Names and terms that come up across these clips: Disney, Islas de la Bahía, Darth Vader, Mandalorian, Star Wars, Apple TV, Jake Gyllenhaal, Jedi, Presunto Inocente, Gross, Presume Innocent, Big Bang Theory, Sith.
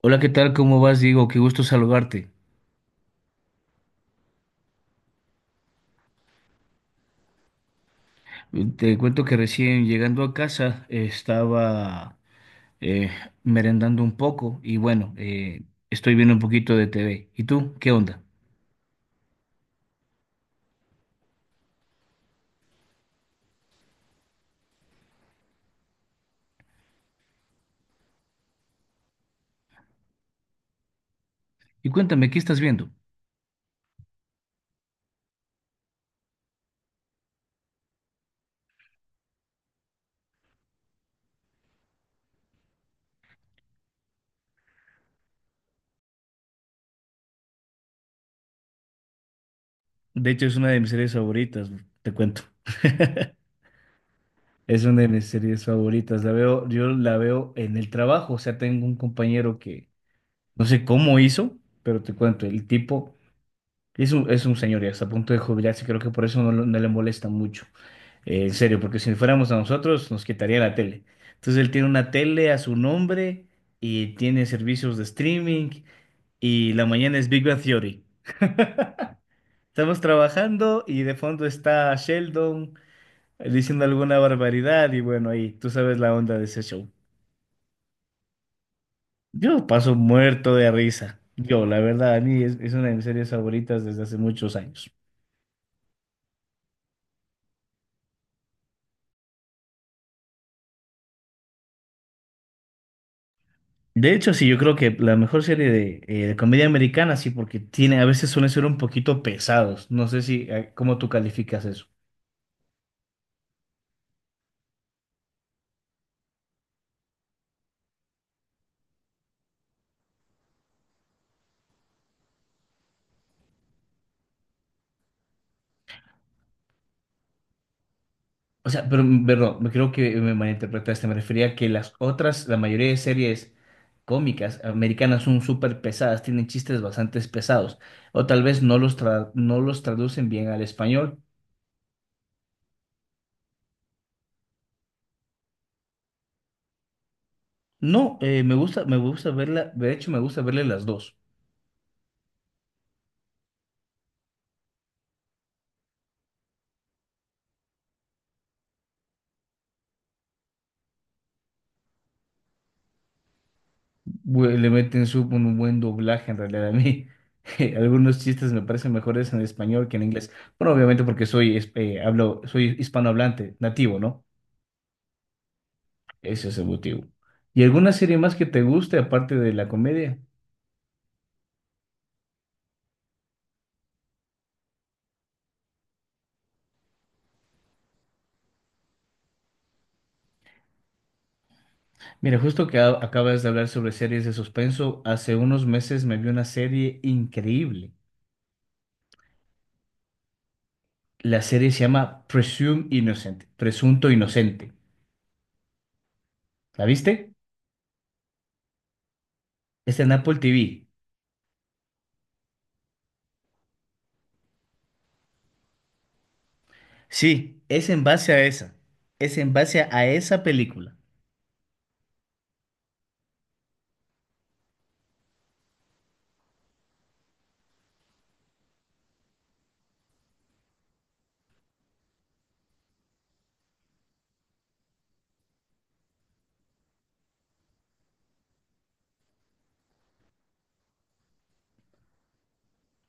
Hola, ¿qué tal? ¿Cómo vas, Diego? Qué gusto saludarte. Te cuento que recién llegando a casa estaba eh, merendando un poco y bueno, estoy viendo un poquito de TV. ¿Y tú? ¿Qué onda? Y cuéntame, ¿qué estás viendo? De hecho, es una de mis series favoritas, te cuento. Es una de mis series favoritas. La veo, yo la veo en el trabajo. O sea, tengo un compañero que no sé cómo hizo, pero te cuento, el tipo es un señor y hasta a punto de jubilarse. Creo que por eso no, no le molesta mucho. En serio, porque si fuéramos a nosotros nos quitaría la tele. Entonces él tiene una tele a su nombre y tiene servicios de streaming y la mañana es Big Bang Theory. Estamos trabajando y de fondo está Sheldon diciendo alguna barbaridad y bueno, ahí tú sabes la onda de ese show. Yo paso muerto de risa. Yo, la verdad, es una de mis series favoritas desde hace muchos años. De hecho, sí, yo creo que la mejor serie de comedia americana, sí, porque tiene, a veces suelen ser un poquito pesados. No sé si, cómo tú calificas eso. O sea, pero, perdón, me creo que me malinterpretaste. Me refería a que las otras, la mayoría de series cómicas americanas son súper pesadas, tienen chistes bastante pesados. O tal vez no los traducen bien al español. No, me gusta verla, de hecho, me gusta verle las dos. Le meten un buen doblaje en realidad a mí. Algunos chistes me parecen mejores en español que en inglés. Bueno, obviamente porque hablo, soy hispanohablante, nativo, ¿no? Ese es el motivo. ¿Y alguna serie más que te guste aparte de la comedia? Mira, justo que acabas de hablar sobre series de suspenso, hace unos meses me vi una serie increíble. La serie se llama Presume Innocent, Presunto Inocente. ¿La viste? Está en Apple TV. Sí, es en base a esa. Es en base a esa película.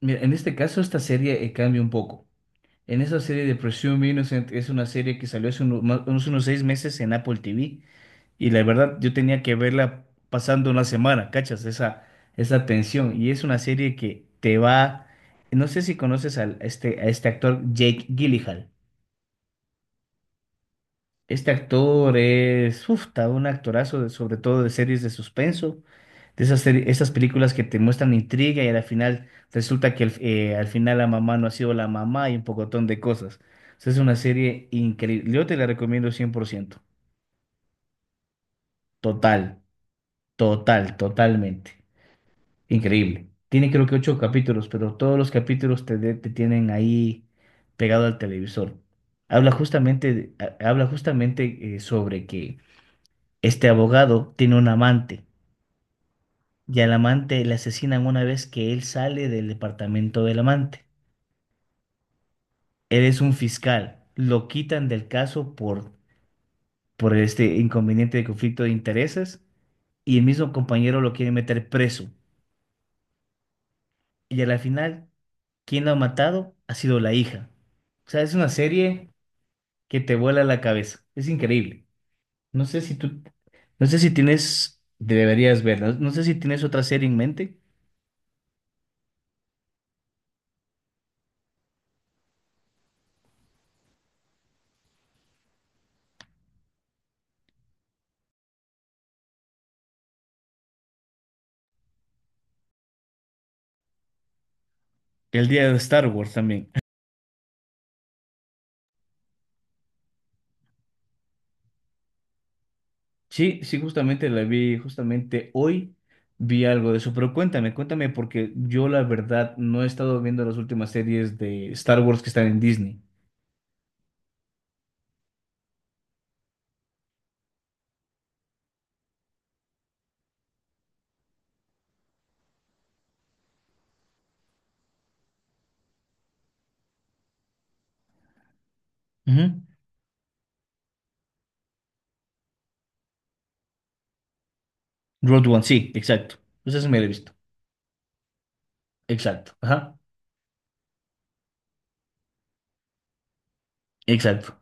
Mira, en este caso esta serie cambia un poco. En esa serie de Presume Innocent es una serie que salió hace unos seis meses en Apple TV. Y la verdad, yo tenía que verla pasando una semana, ¿cachas? Esa tensión. Y es una serie que te va... No sé si conoces al, este, a este actor Jake Gyllenhaal. Este actor es, uf, ta, un actorazo, sobre todo de series de suspenso, de esas, esas películas que te muestran intriga y al final resulta que al final la mamá no ha sido la mamá y un pocotón de cosas. O sea, es una serie increíble. Yo te la recomiendo 100%. Total, totalmente. Increíble. Tiene creo que ocho capítulos, pero todos los capítulos te tienen ahí pegado al televisor. Habla justamente, habla justamente sobre que este abogado tiene un amante y al amante le asesinan una vez que él sale del departamento del amante. Él es un fiscal, lo quitan del caso por este inconveniente de conflicto de intereses y el mismo compañero lo quiere meter preso. Y a la final, quien lo ha matado ha sido la hija. O sea, es una serie que te vuela la cabeza. Es increíble. No sé si tú, no sé si tienes, deberías verla. No sé si tienes otra serie en mente. El día de Star Wars también. Sí, sí, justamente la vi, justamente hoy vi algo de eso, pero cuéntame, cuéntame, porque yo la verdad no he estado viendo las últimas series de Star Wars que están en Disney. Ujú. Road One, sí, exacto. Pues eso me lo he visto. Exacto, ajá, exacto.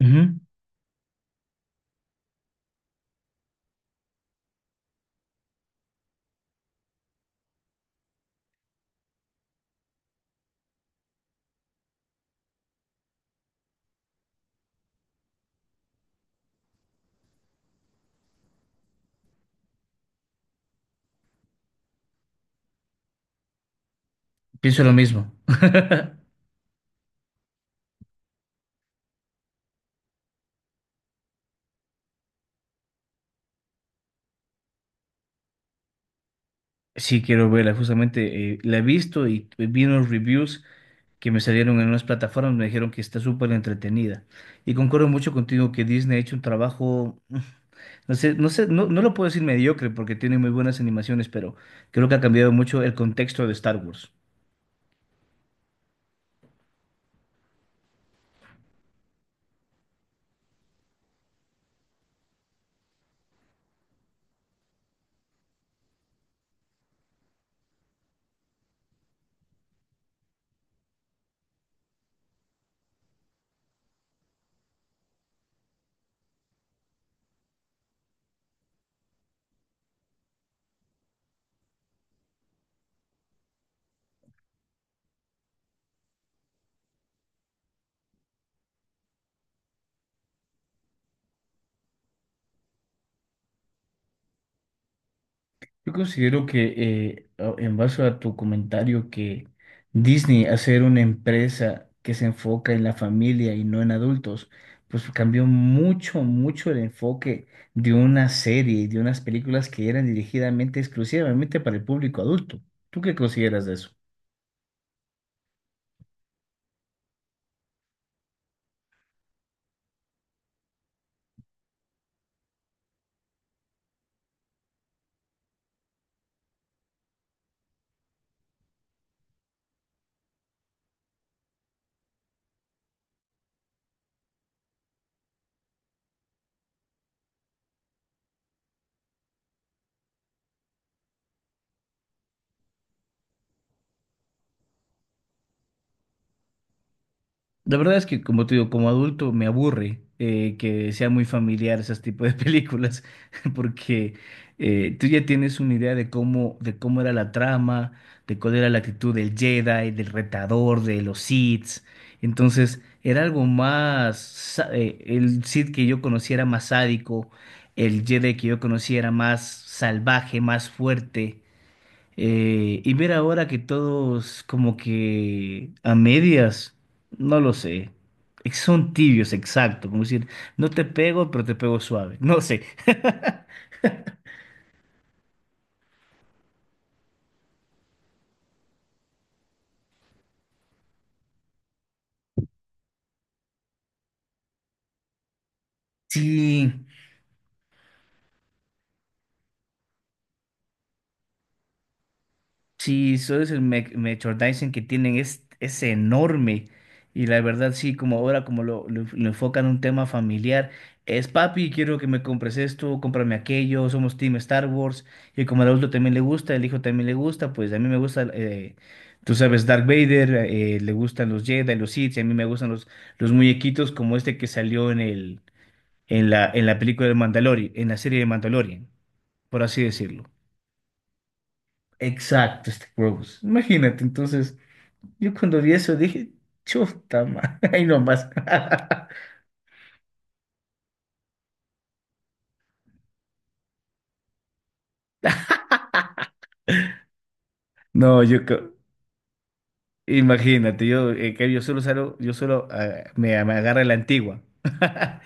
Ujú. Pienso lo mismo. Sí, quiero verla, justamente la he visto y vi unos reviews que me salieron en unas plataformas, me dijeron que está súper entretenida. Y concuerdo mucho contigo que Disney ha hecho un trabajo. No, no lo puedo decir mediocre porque tiene muy buenas animaciones, pero creo que ha cambiado mucho el contexto de Star Wars. Yo considero que en base a tu comentario que Disney hacer una empresa que se enfoca en la familia y no en adultos, pues cambió mucho, mucho el enfoque de una serie y de unas películas que eran dirigidamente exclusivamente para el público adulto. ¿Tú qué consideras de eso? La verdad es que, como te digo, como adulto me aburre que sea muy familiar esos tipos de películas, porque tú ya tienes una idea de cómo era la trama, de cuál era la actitud del Jedi, del retador, de los Sith. Entonces, era algo más, el Sith que yo conocía era más sádico, el Jedi que yo conocía era más salvaje, más fuerte. Y ver ahora que todos como que a medias, no lo sé. Son tibios, exacto. Como decir, no te pego, pero te pego suave. No sé. Sí, sí, esos merchandising que tienen es enorme. Y la verdad, sí, como ahora, lo enfocan en un tema familiar, es papi, quiero que me compres esto, cómprame aquello, somos Team Star Wars. Y como al adulto también le gusta, el hijo también le gusta, pues a mí me gusta, tú sabes, Darth Vader, le gustan los Jedi, los Sith, y a mí me gustan los muñequitos como este que salió en la película de Mandalorian, en la serie de Mandalorian, por así decirlo. Exacto, este Gross. Imagínate, entonces, yo cuando vi eso dije, chuta, ma, ahí nomás. No, imagínate, yo, que yo solo salgo, yo solo ah, me agarra la antigua.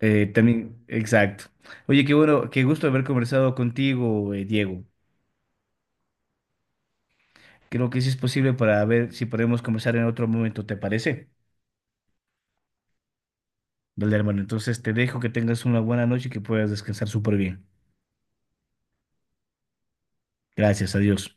También, exacto. Oye, qué bueno, qué gusto haber conversado contigo, Diego. Creo que sí es posible para ver si podemos conversar en otro momento, ¿te parece? Dale, hermano, entonces te dejo que tengas una buena noche y que puedas descansar súper bien. Gracias, adiós.